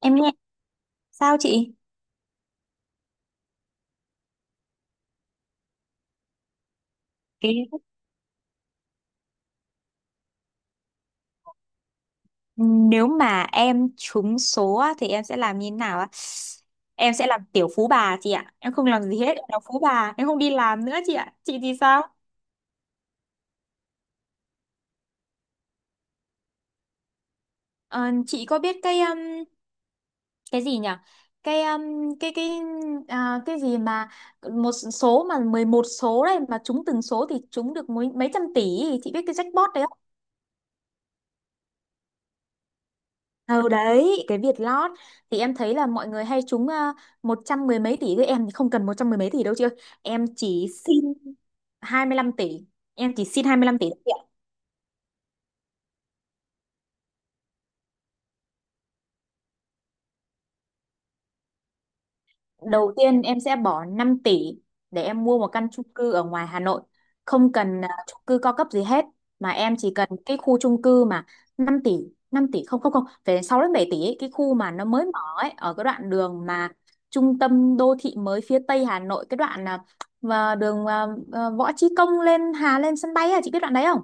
Em nghe sao chị? Cái Nếu mà em trúng số á, thì em sẽ làm như thế nào á? Em sẽ làm tiểu phú bà chị ạ. Em không làm gì hết, em làm phú bà, em không đi làm nữa chị ạ. Chị thì sao? Ờ, chị có biết cái gì nhỉ? Cái um, cái à, cái gì mà một số mà 11 số đấy mà trúng từng số thì trúng được mấy mấy trăm tỷ, chị biết cái jackpot đấy không? Ừ đấy, cái Việt Lót thì em thấy là mọi người hay trúng một trăm mười mấy tỷ, với em thì không cần một trăm mười mấy tỷ đâu chị ơi. Em chỉ xin 25 tỷ. Em chỉ xin 25 tỷ. Đầu tiên em sẽ bỏ 5 tỷ để em mua một căn chung cư ở ngoài Hà Nội. Không cần à, chung cư cao cấp gì hết mà em chỉ cần cái khu chung cư mà 5 tỷ, 5 tỷ không không không, phải 6 đến 7 tỷ ấy, cái khu mà nó mới mở ấy, ở cái đoạn đường mà trung tâm đô thị mới phía Tây Hà Nội, cái đoạn à, mà đường à, à, Võ Chí Công lên Hà lên sân bay, à, chị biết đoạn đấy không?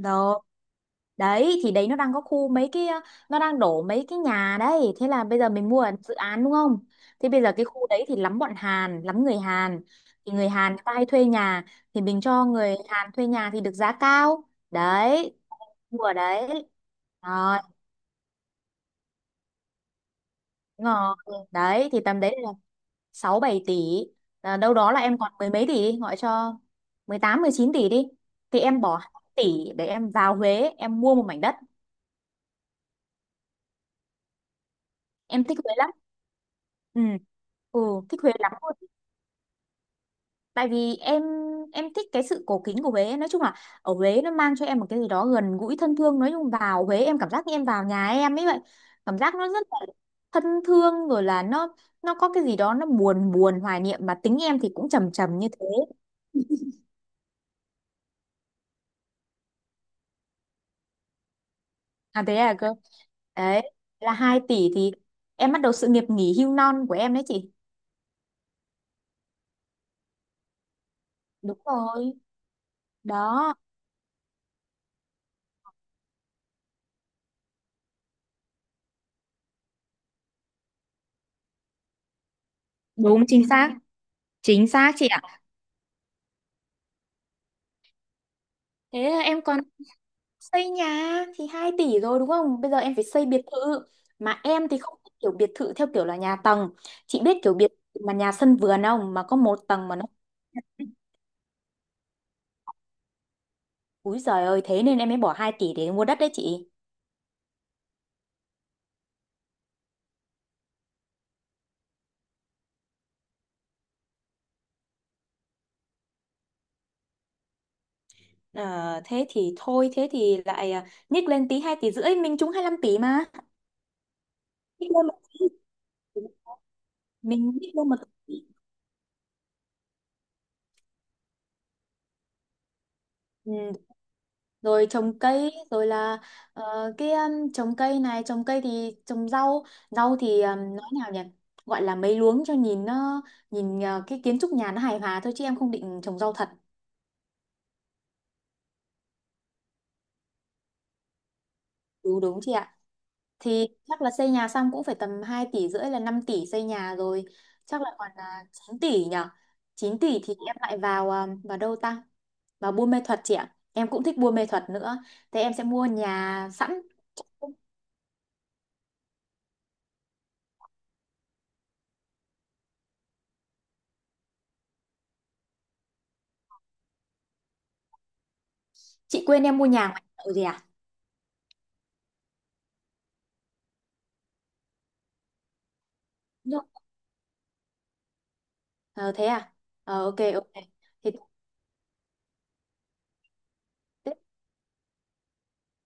Đâu. Đấy thì đấy nó đang có khu mấy nó đang đổ mấy cái nhà đấy, thế là bây giờ mình mua ở dự án đúng không? Thế bây giờ cái khu đấy thì lắm bọn Hàn, lắm người Hàn. Thì người Hàn người ta hay thuê nhà, thì mình cho người Hàn thuê nhà thì được giá cao. Đấy, mua ở đấy. Rồi, đúng. Đấy thì tầm đấy là 6 7 tỷ. À, đâu đó là em còn mười mấy tỷ đi, gọi cho mười tám mười chín tỷ đi. Thì em bỏ 2 tỷ để em vào Huế, em mua một mảnh đất. Em thích Huế lắm, ừ ừ, thích Huế lắm luôn. Tại vì em thích cái sự cổ kính của Huế, nói chung là ở Huế nó mang cho em một cái gì đó gần gũi thân thương, nói chung vào Huế em cảm giác như em vào nhà em ấy vậy. Cảm giác nó rất là thân thương, rồi là nó có cái gì đó nó buồn buồn hoài niệm mà tính em thì cũng trầm trầm như thế. À thế à cơ. Đấy là 2 tỷ thì em bắt đầu sự nghiệp nghỉ hưu non của em đấy chị. Đúng rồi, đó, đúng chính xác, chính xác chị. Thế là em còn xây nhà thì 2 tỷ rồi đúng không? Bây giờ em phải xây biệt thự. Mà em thì không thích kiểu biệt thự theo kiểu là nhà tầng. Chị biết kiểu biệt thự mà nhà sân vườn không? Mà có một tầng mà nó... Úi giời ơi, thế nên em mới bỏ 2 tỷ để mua đất đấy chị. Ờ, thế thì thôi, thế thì lại à, nhích lên tí 2 tỷ rưỡi, mình trúng hai lăm tỷ mà. Nhích lên một tí. Mình nhích lên một tỷ. Ừ, rồi trồng cây, rồi là ờ, cái trồng cây này, trồng cây thì trồng rau, rau thì nói nào nhỉ, gọi là mấy luống cho nhìn nó nhìn ờ, cái kiến trúc nhà nó hài hòa thôi chứ em không định trồng rau thật. Đúng đúng chị ạ. Thì chắc là xây nhà xong cũng phải tầm 2 tỷ rưỡi, là 5 tỷ xây nhà rồi. Chắc là còn 9 tỷ nhỉ. Chín tỷ thì em lại vào ờ, vào đâu ta, vào buôn mê thuật chị ạ, em cũng thích buôn mê thuật nữa. Thế em sẽ mua nhà sẵn. Chị quên em mua nhà ngoài chợ gì. À. Ờ thế à? Ờ ok ok. Thì tiếp-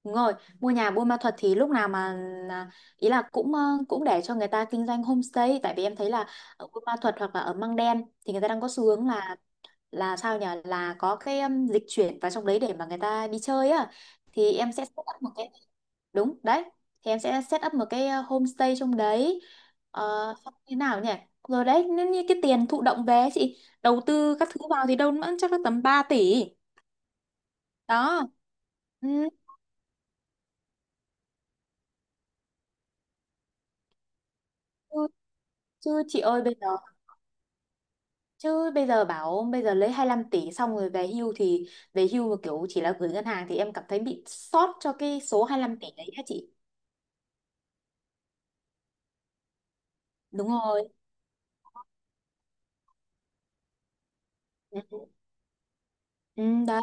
đúng rồi, mua nhà Buôn Ma Thuột thì lúc nào mà là- ý là cũng ờ, cũng để cho người ta kinh doanh homestay, tại vì em thấy là ở Buôn Ma Thuột hoặc là ở Măng Đen thì người ta đang có xu hướng là sao nhỉ? Là có cái dịch chuyển vào trong đấy để mà người ta đi chơi á, thì em sẽ set up một cái. Đúng đấy. Thì em sẽ set up một cái homestay trong đấy. Ờ xong thế nào nhỉ? Rồi đấy, nếu như cái tiền thụ động về ấy chị đầu tư các thứ vào thì đâu nữa chắc là tầm 3 tỷ. Đó, ừ, chứ, chứ chị ơi, bây giờ chứ bây giờ bảo bây giờ lấy hai lăm tỷ xong rồi về hưu thì về hưu mà kiểu chỉ là gửi ngân hàng thì em cảm thấy bị sót cho cái số hai lăm tỷ đấy hả chị. Đúng rồi, ừ, ừ, đấy,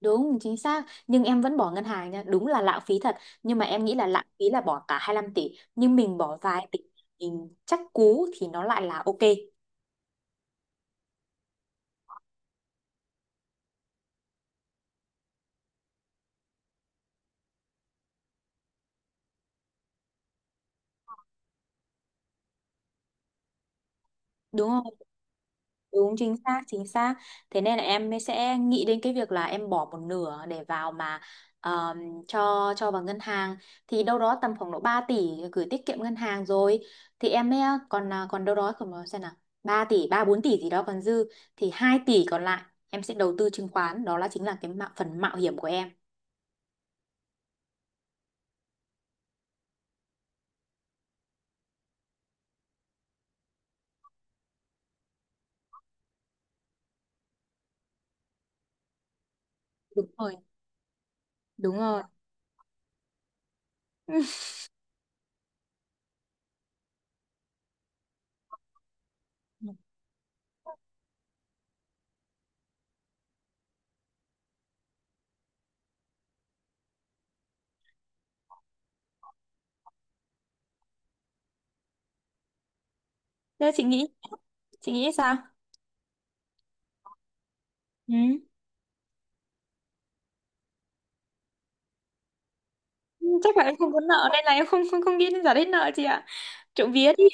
đúng chính xác, nhưng em vẫn bỏ ngân hàng nha, đúng là lãng phí thật, nhưng mà em nghĩ là lãng phí là bỏ cả hai lăm tỷ, nhưng mình bỏ vài tỷ mình chắc cú thì nó lại là ok, đúng không. Đúng chính xác, chính xác. Thế nên là em mới sẽ nghĩ đến cái việc là em bỏ một nửa để vào mà ờm, cho vào ngân hàng thì đâu đó tầm khoảng độ 3 tỷ gửi tiết kiệm ngân hàng rồi, thì em mới còn à, còn đâu đó, còn xem nào, 3 tỷ 3 4 tỷ gì đó còn dư, thì 2 tỷ còn lại em sẽ đầu tư chứng khoán, đó là chính là cái mạo, phần mạo hiểm của em. Đúng rồi, đúng rồi. Thế chị nghĩ, chị nghĩ sao? Ừ. Chắc là em không có nợ, nên là em không không không nghĩ đến giải hết nợ chị ạ, trộm vía đi.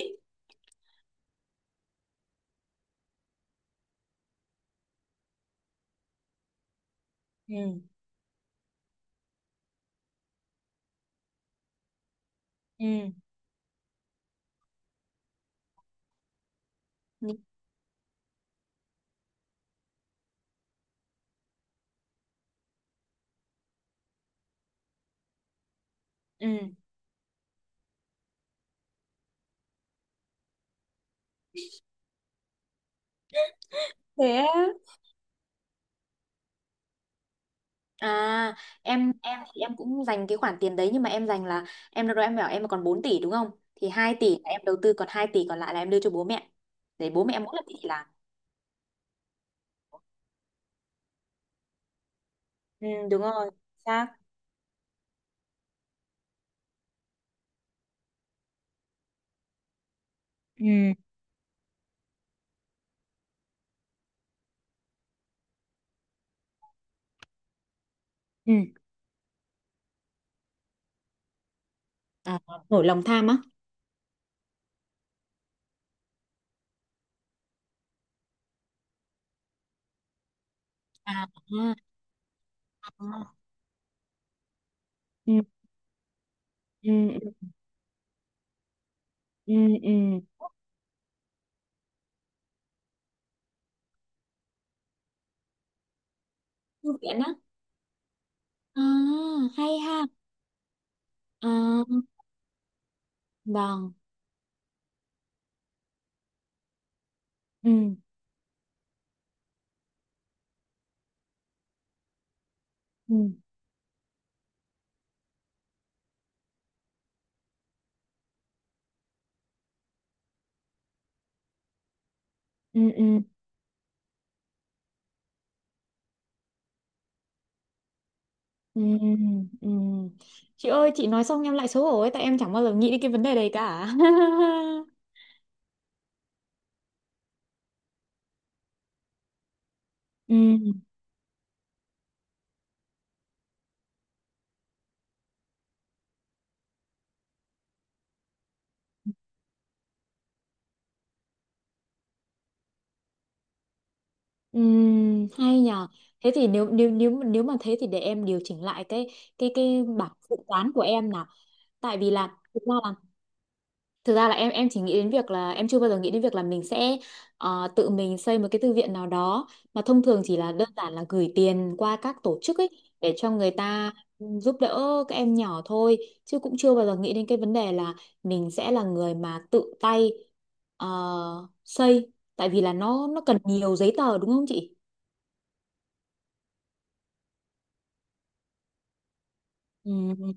Ừ ừ. Nhị- ừ. Thế á. À, em thì em cũng dành cái khoản tiền đấy, nhưng mà em dành là em lúc đó em bảo em còn 4 tỷ đúng không? Thì 2 tỷ là em đầu tư, còn 2 tỷ còn lại là em đưa cho bố mẹ. Để bố mẹ em mỗi lần đi thì làm. Ừ, đúng rồi, xác, ừ ừ, à, nổi lòng tham á. À, ừ ừ ừ ừ. Thư viện á. À, hay ha. À, vâng. Ừ ừ ừ ừ. Ừ, ừ. Chị ơi chị nói xong em lại xấu hổ ấy, tại em chẳng bao giờ nghĩ đến cái vấn đề đấy cả. Ừ, ừ, hay nhờ. Thế thì nếu nếu nếu nếu mà thế thì để em điều chỉnh lại cái cái bảng dự toán của em nào, tại vì là thực ra là. Thực ra là em chỉ nghĩ đến việc là em chưa bao giờ nghĩ đến việc là mình sẽ ờ, tự mình xây một cái thư viện nào đó, mà thông thường chỉ là đơn giản là gửi tiền qua các tổ chức ấy để cho người ta giúp đỡ các em nhỏ thôi, chứ cũng chưa bao giờ nghĩ đến cái vấn đề là mình sẽ là người mà tự tay ờ, xây, tại vì là nó cần nhiều giấy tờ đúng không chị? Ừ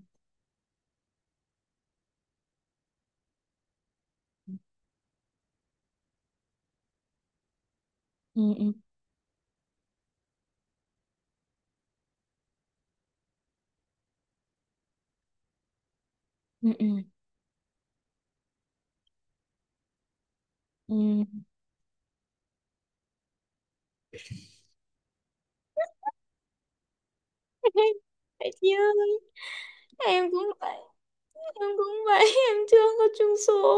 ừ ừ ừ ừ ừ vậy chứ. Em cũng vậy, em cũng vậy. Em chưa có chung số.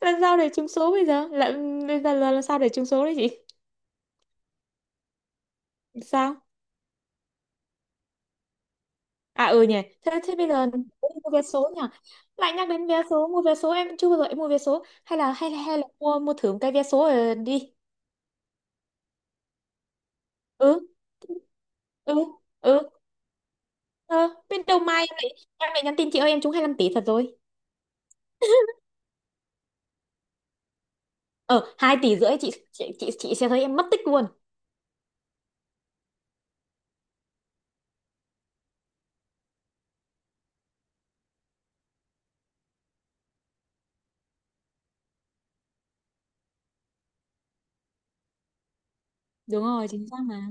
Là sao bây giờ, là sao để trúng số đấy chị? Sao? À ừ nhỉ. Thế thế bây giờ mua vé số nhỉ, lại nhắc đến vé số, mua vé số, em chưa bao giờ em mua vé số, hay là hay hay là mua, mua thử một cái vé số rồi đi. Ừ ừ ừ ờ, bên đầu mai em lại, em lại nhắn tin chị ơi em trúng 25 tỷ thật rồi. Ờ hai tỷ rưỡi, chị chị sẽ thấy em mất tích luôn. Đúng rồi, chính xác mà.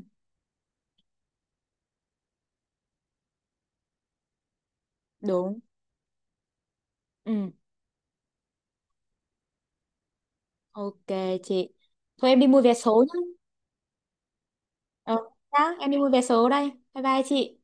Đúng. Ừ ok chị. Thôi em đi mua vé số nhá. Ờ nhá, em đi mua vé số đây, bye bye chị.